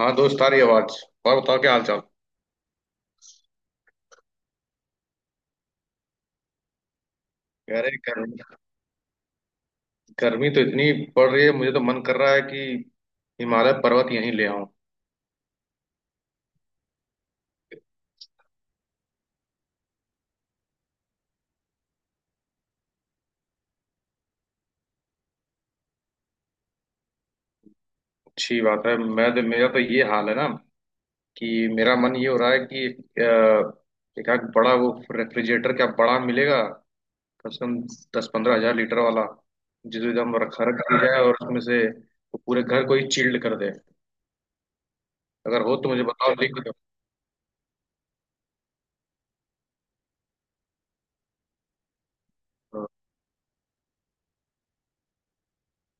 हाँ दोस्त, आ रही आवाज। और बताओ, क्या हाल चाल। यार ये गर्मी, गर्मी तो इतनी पड़ रही है, मुझे तो मन कर रहा है कि हिमालय पर्वत यहीं ले आऊं। अच्छी बात है। मैं तो, मेरा तो ये हाल है ना कि मेरा मन ये हो रहा है कि एक आध बड़ा वो रेफ्रिजरेटर, क्या बड़ा मिलेगा कम से कम 10-15 हजार लीटर वाला, जिसको एकदम रखा रखा जाए और उसमें से वो पूरे घर को ही चिल्ड कर दे। अगर हो तो मुझे बताओ, लिख दो।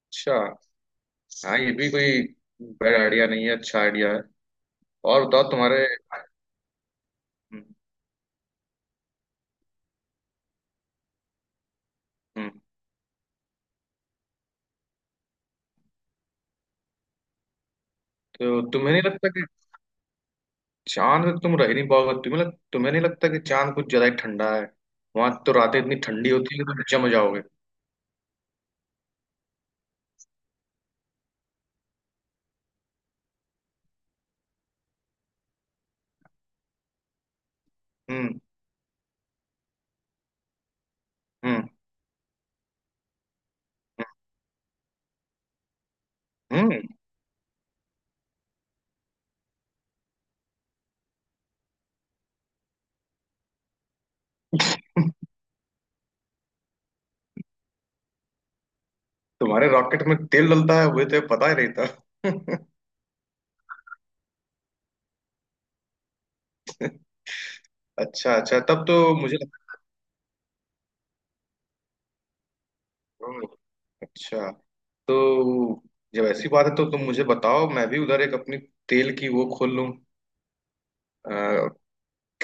अच्छा। हाँ, ये भी कोई बैड आइडिया नहीं है, अच्छा आइडिया है। और बताओ तुम्हारे। हम्म। हम्म। तो तुम्हें नहीं लगता कि चांद पे तुम रह नहीं पाओगे? तुम्हें नहीं लगता कि चांद कुछ ज्यादा ही ठंडा है? वहां तो रातें इतनी ठंडी होती है कि तुम जम जाओगे। हम्म हम्म हम्म हम्म। तुम्हारे रॉकेट में तेल डलता है, वो तो पता ही नहीं था। अच्छा अच्छा, तब तो मुझे लगा। ओह। अच्छा। तो जब ऐसी बात है तो तुम मुझे बताओ, मैं भी उधर एक अपनी तेल की वो खोल लूं,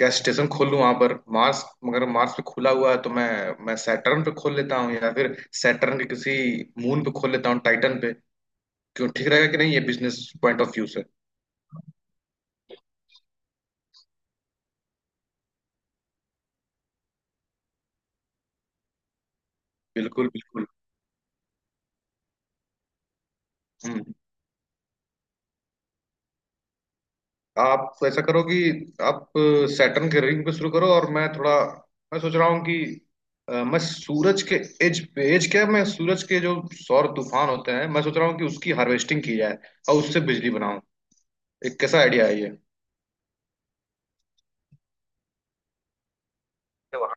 क्या स्टेशन खोल लूं वहां पर मार्स, मगर मार्स पे खुला हुआ है तो मैं सैटर्न पे खोल लेता हूँ, या फिर सैटर्न के किसी मून पे खोल लेता हूँ, टाइटन पे। क्यों, ठीक रहेगा कि नहीं ये बिजनेस पॉइंट ऑफ व्यू से? बिल्कुल बिल्कुल। हम्म। आप ऐसा करो कि आप सैटर्न के रिंग पे शुरू करो, और मैं थोड़ा, मैं सोच रहा हूँ कि मैं सूरज के एज पे, एज क्या, मैं सूरज के जो सौर तूफान होते हैं, मैं सोच रहा हूँ कि उसकी हार्वेस्टिंग की जाए और उससे बिजली बनाऊं। एक कैसा आइडिया है ये? वहां।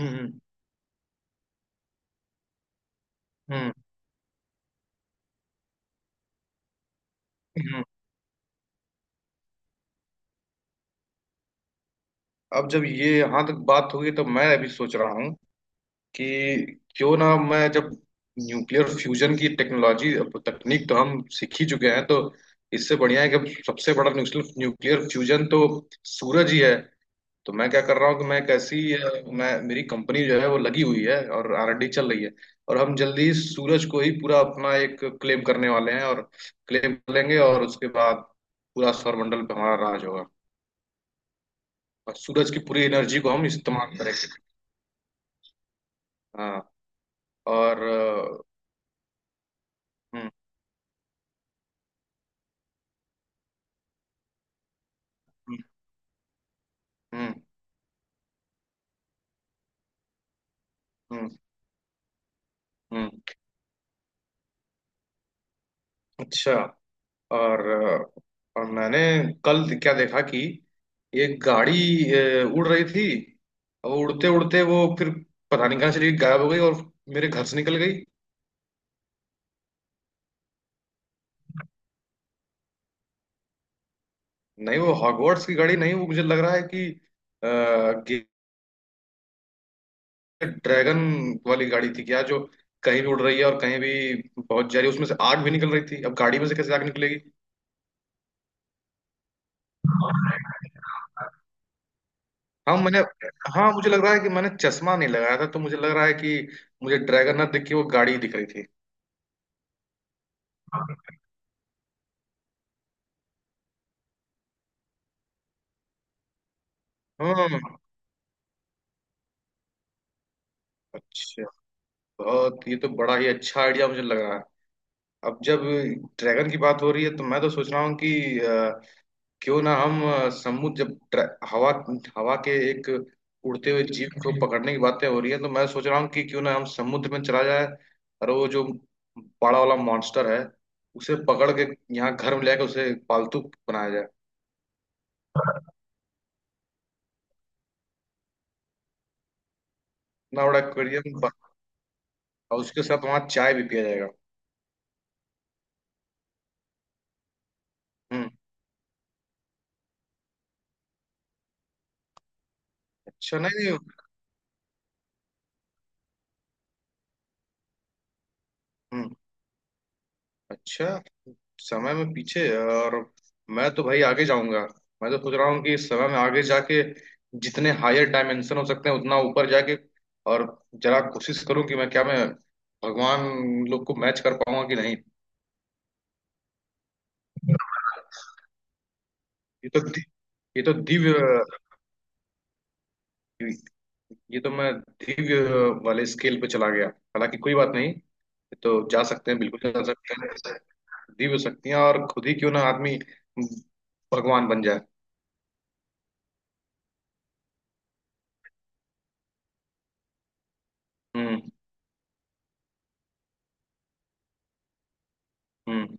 हम्म हम्म हम्म। अब जब ये यहाँ तक बात होगी तो मैं अभी सोच रहा हूँ कि क्यों ना मैं, जब न्यूक्लियर फ्यूजन की टेक्नोलॉजी, अब तकनीक तो हम सीख ही चुके हैं, तो इससे बढ़िया है कि अब सबसे बड़ा न्यूक्लियर, न्यूक्लियर फ्यूजन तो सूरज ही है। तो मैं क्या कर रहा हूँ कि मैं एक ऐसी, मैं, मेरी कंपनी जो है वो लगी हुई है और आरएनडी चल रही है। और हम जल्दी ही सूरज को ही पूरा अपना एक क्लेम करने वाले हैं, और क्लेम कर लेंगे, और उसके बाद पूरा सौरमंडल पे हमारा राज होगा, और सूरज की पूरी एनर्जी को हम इस्तेमाल करेंगे। हाँ। और हम्म हम्म हम्म हम्म, हम्म, अच्छा। और मैंने कल क्या देखा कि एक गाड़ी, उड़ रही थी। वो उड़ते उड़ते वो फिर पता नहीं कहाँ चली गई, गायब हो गई और मेरे घर से निकल गई। नहीं, वो हॉगवर्ट्स की गाड़ी नहीं, वो मुझे लग रहा है कि आ, ड्रैगन वाली गाड़ी थी क्या, जो कहीं भी उड़ रही है और कहीं भी पहुंच जा रही है, उसमें से आग भी निकल रही थी। अब गाड़ी में से कैसे आग निकलेगी। हाँ मैंने, हाँ मुझे लग रहा है कि मैंने चश्मा नहीं लगाया था, तो मुझे लग रहा है कि मुझे ड्रैगन ना दिख के वो गाड़ी दिख रही थी। हम्म। अच्छा। बहुत, ये तो बड़ा ही अच्छा आइडिया मुझे लग रहा है। अब जब ड्रैगन की बात हो रही है तो मैं तो सोच रहा हूँ कि क्यों ना हम हवा, हवा के एक उड़ते हुए जीव को पकड़ने की बातें हो रही है, तो मैं सोच रहा हूँ कि क्यों ना हम समुद्र में चला जाए, और वो जो बड़ा वाला मॉन्स्टर है उसे पकड़ के यहाँ घर में लेकर उसे पालतू बनाया जाए। इतना बड़ा aquarium और उसके साथ वहाँ चाय भी पिया जाएगा। हम्म। अच्छा नहीं नहीं। हम्म। अच्छा, समय में पीछे है, और मैं तो भाई आगे जाऊंगा। मैं तो सोच रहा हूँ कि समय में आगे जाके जितने हायर डायमेंशन हो सकते हैं उतना ऊपर जाके, और जरा कोशिश करूँ कि मैं, क्या मैं भगवान लोग को मैच कर पाऊंगा कि नहीं। ये तो दि- ये तो दिव्य ये तो मैं दिव्य वाले स्केल पे चला गया। हालांकि कोई बात नहीं, ये तो जा सकते हैं, बिल्कुल जा सकते हैं। दीव शक्तियां, और खुद ही क्यों ना आदमी भगवान बन जाए। हम्म हम्म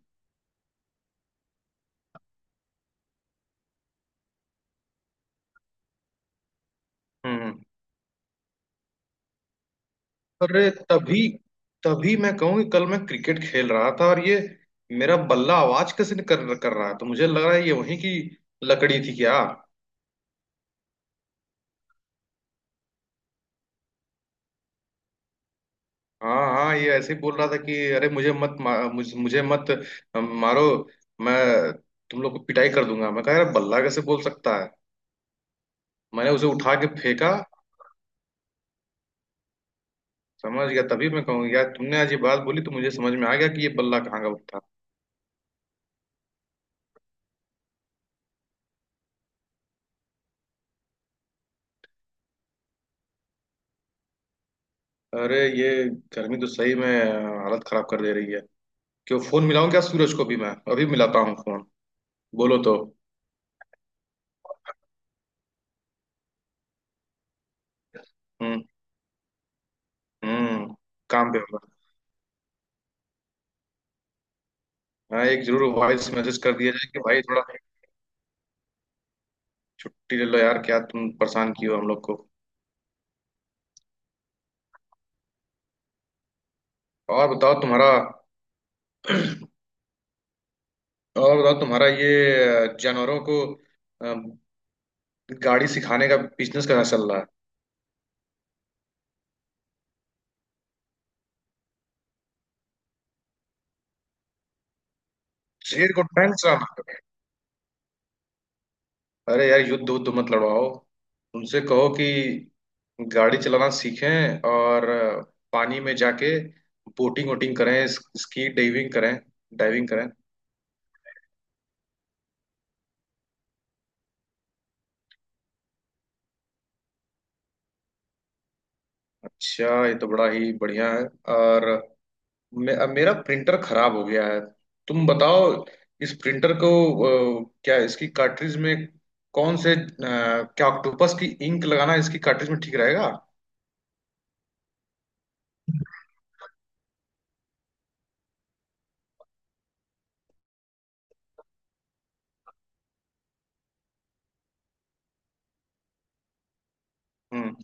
हम्म। अरे तभी तभी मैं कहूँ कि कल मैं क्रिकेट खेल रहा था, और ये मेरा बल्ला आवाज कैसे कर कर रहा है, तो मुझे लग रहा है ये वहीं की लकड़ी थी क्या। हाँ हाँ, ये ऐसे ही बोल रहा था कि अरे मुझे मत मुझे मत मारो। मैं तुम लोग को पिटाई कर दूंगा। मैं कहा यार, बल्ला कैसे बोल सकता है। मैंने उसे उठा के फेंका। समझ गया, तभी मैं कहूँ यार तुमने आज ये बात बोली तो मुझे समझ में आ गया कि ये बल्ला कहाँ का था। अरे ये गर्मी तो सही में हालत खराब कर दे रही है। क्यों, फोन मिलाऊं क्या सूरज को भी? मैं अभी मिलाता हूँ फोन, बोलो तो। हम्म। हम्म। काम पे होगा। हाँ, एक जरूर वॉइस मैसेज कर दिया जाए कि भाई थोड़ा छुट्टी ले लो यार, क्या तुम परेशान किए हो हम लोग को। और बताओ तुम्हारा और बताओ तुम्हारा ये जानवरों को अम, गाड़ी सिखाने का बिजनेस कैसा चल रहा है। शेर को टैंक चलाना? अरे यार, युद्ध उद्ध मत लड़वाओ, उनसे कहो कि गाड़ी चलाना सीखें और पानी में जाके बोटिंग वोटिंग करें, स्की डाइविंग करें, डाइविंग करें अच्छा, ये तो बड़ा ही बढ़िया है। और अब मेरा प्रिंटर खराब हो गया है, तुम बताओ, इस प्रिंटर को, क्या इसकी कार्ट्रिज में, कौन से, क्या ऑक्टोपस की इंक लगाना इसकी कार्ट्रिज में ठीक रहेगा। हम्म।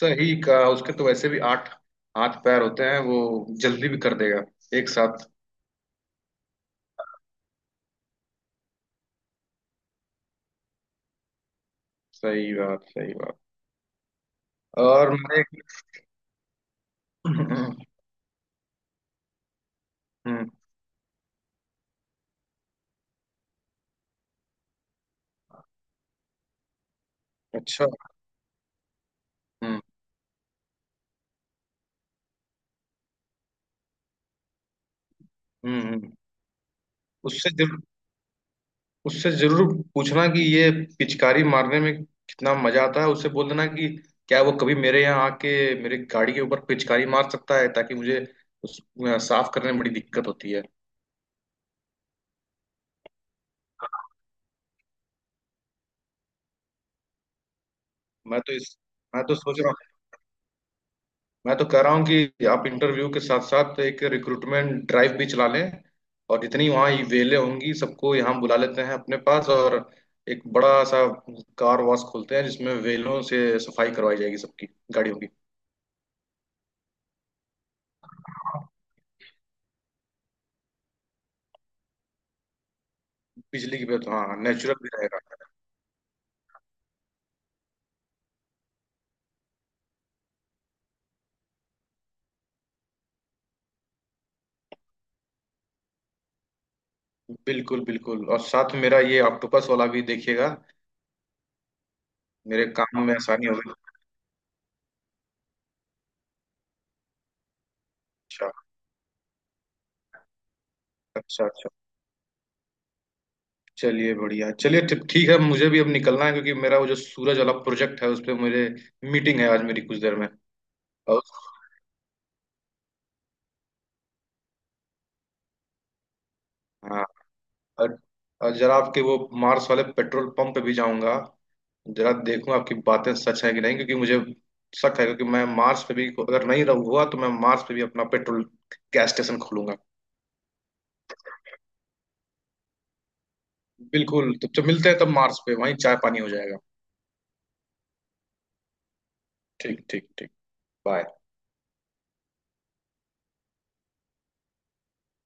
सही कहा, उसके तो वैसे भी आठ हाथ पैर होते हैं, वो जल्दी भी कर देगा एक साथ। सही बात, सही बात। और मैंने हम्म हम्म, अच्छा। हम्म हम्म हम्म। उससे जरूर, उससे जरूर पूछना कि ये पिचकारी मारने में कितना मजा आता है। उससे बोल देना कि क्या वो कभी मेरे यहाँ आके मेरी गाड़ी के ऊपर पिचकारी मार सकता है, ताकि मुझे उस साफ करने में बड़ी दिक्कत होती है। मैं तो इस, मैं तो सोच रहा हूँ, मैं तो कह रहा हूँ कि आप इंटरव्यू के साथ साथ एक रिक्रूटमेंट ड्राइव भी चला लें, और जितनी वहाँ ये वेलें होंगी सबको यहाँ बुला लेते हैं अपने पास, और एक बड़ा सा कार वॉश खोलते हैं जिसमें वेलों से सफाई करवाई जाएगी सबकी गाड़ियों की। बिजली की बिल, हाँ, नेचुरल भी रहेगा। बिल्कुल बिल्कुल, और साथ में मेरा ये ऑक्टोपस वाला भी देखिएगा, मेरे काम में आसानी होगी। अच्छा, अच्छा, अच्छा। चलिए बढ़िया, चलिए ठीक, ठीक है, मुझे भी अब निकलना है, क्योंकि मेरा वो जो सूरज वाला प्रोजेक्ट है, उस पर मुझे मीटिंग है आज मेरी कुछ देर में। और हाँ, और, और जरा आपके वो मार्स वाले पेट्रोल पंप पे भी जाऊंगा, जरा देखूंगा आपकी बातें सच है कि नहीं, क्योंकि मुझे शक है, क्योंकि मैं मार्स पे भी, अगर नहीं रहूंगा तो मैं मार्स पे भी अपना पेट्रोल गैस स्टेशन खोलूंगा। बिल्कुल, तो मिलते हैं तब मार्स पे, वहीं चाय पानी हो जाएगा। ठीक ठीक ठीक। बाय।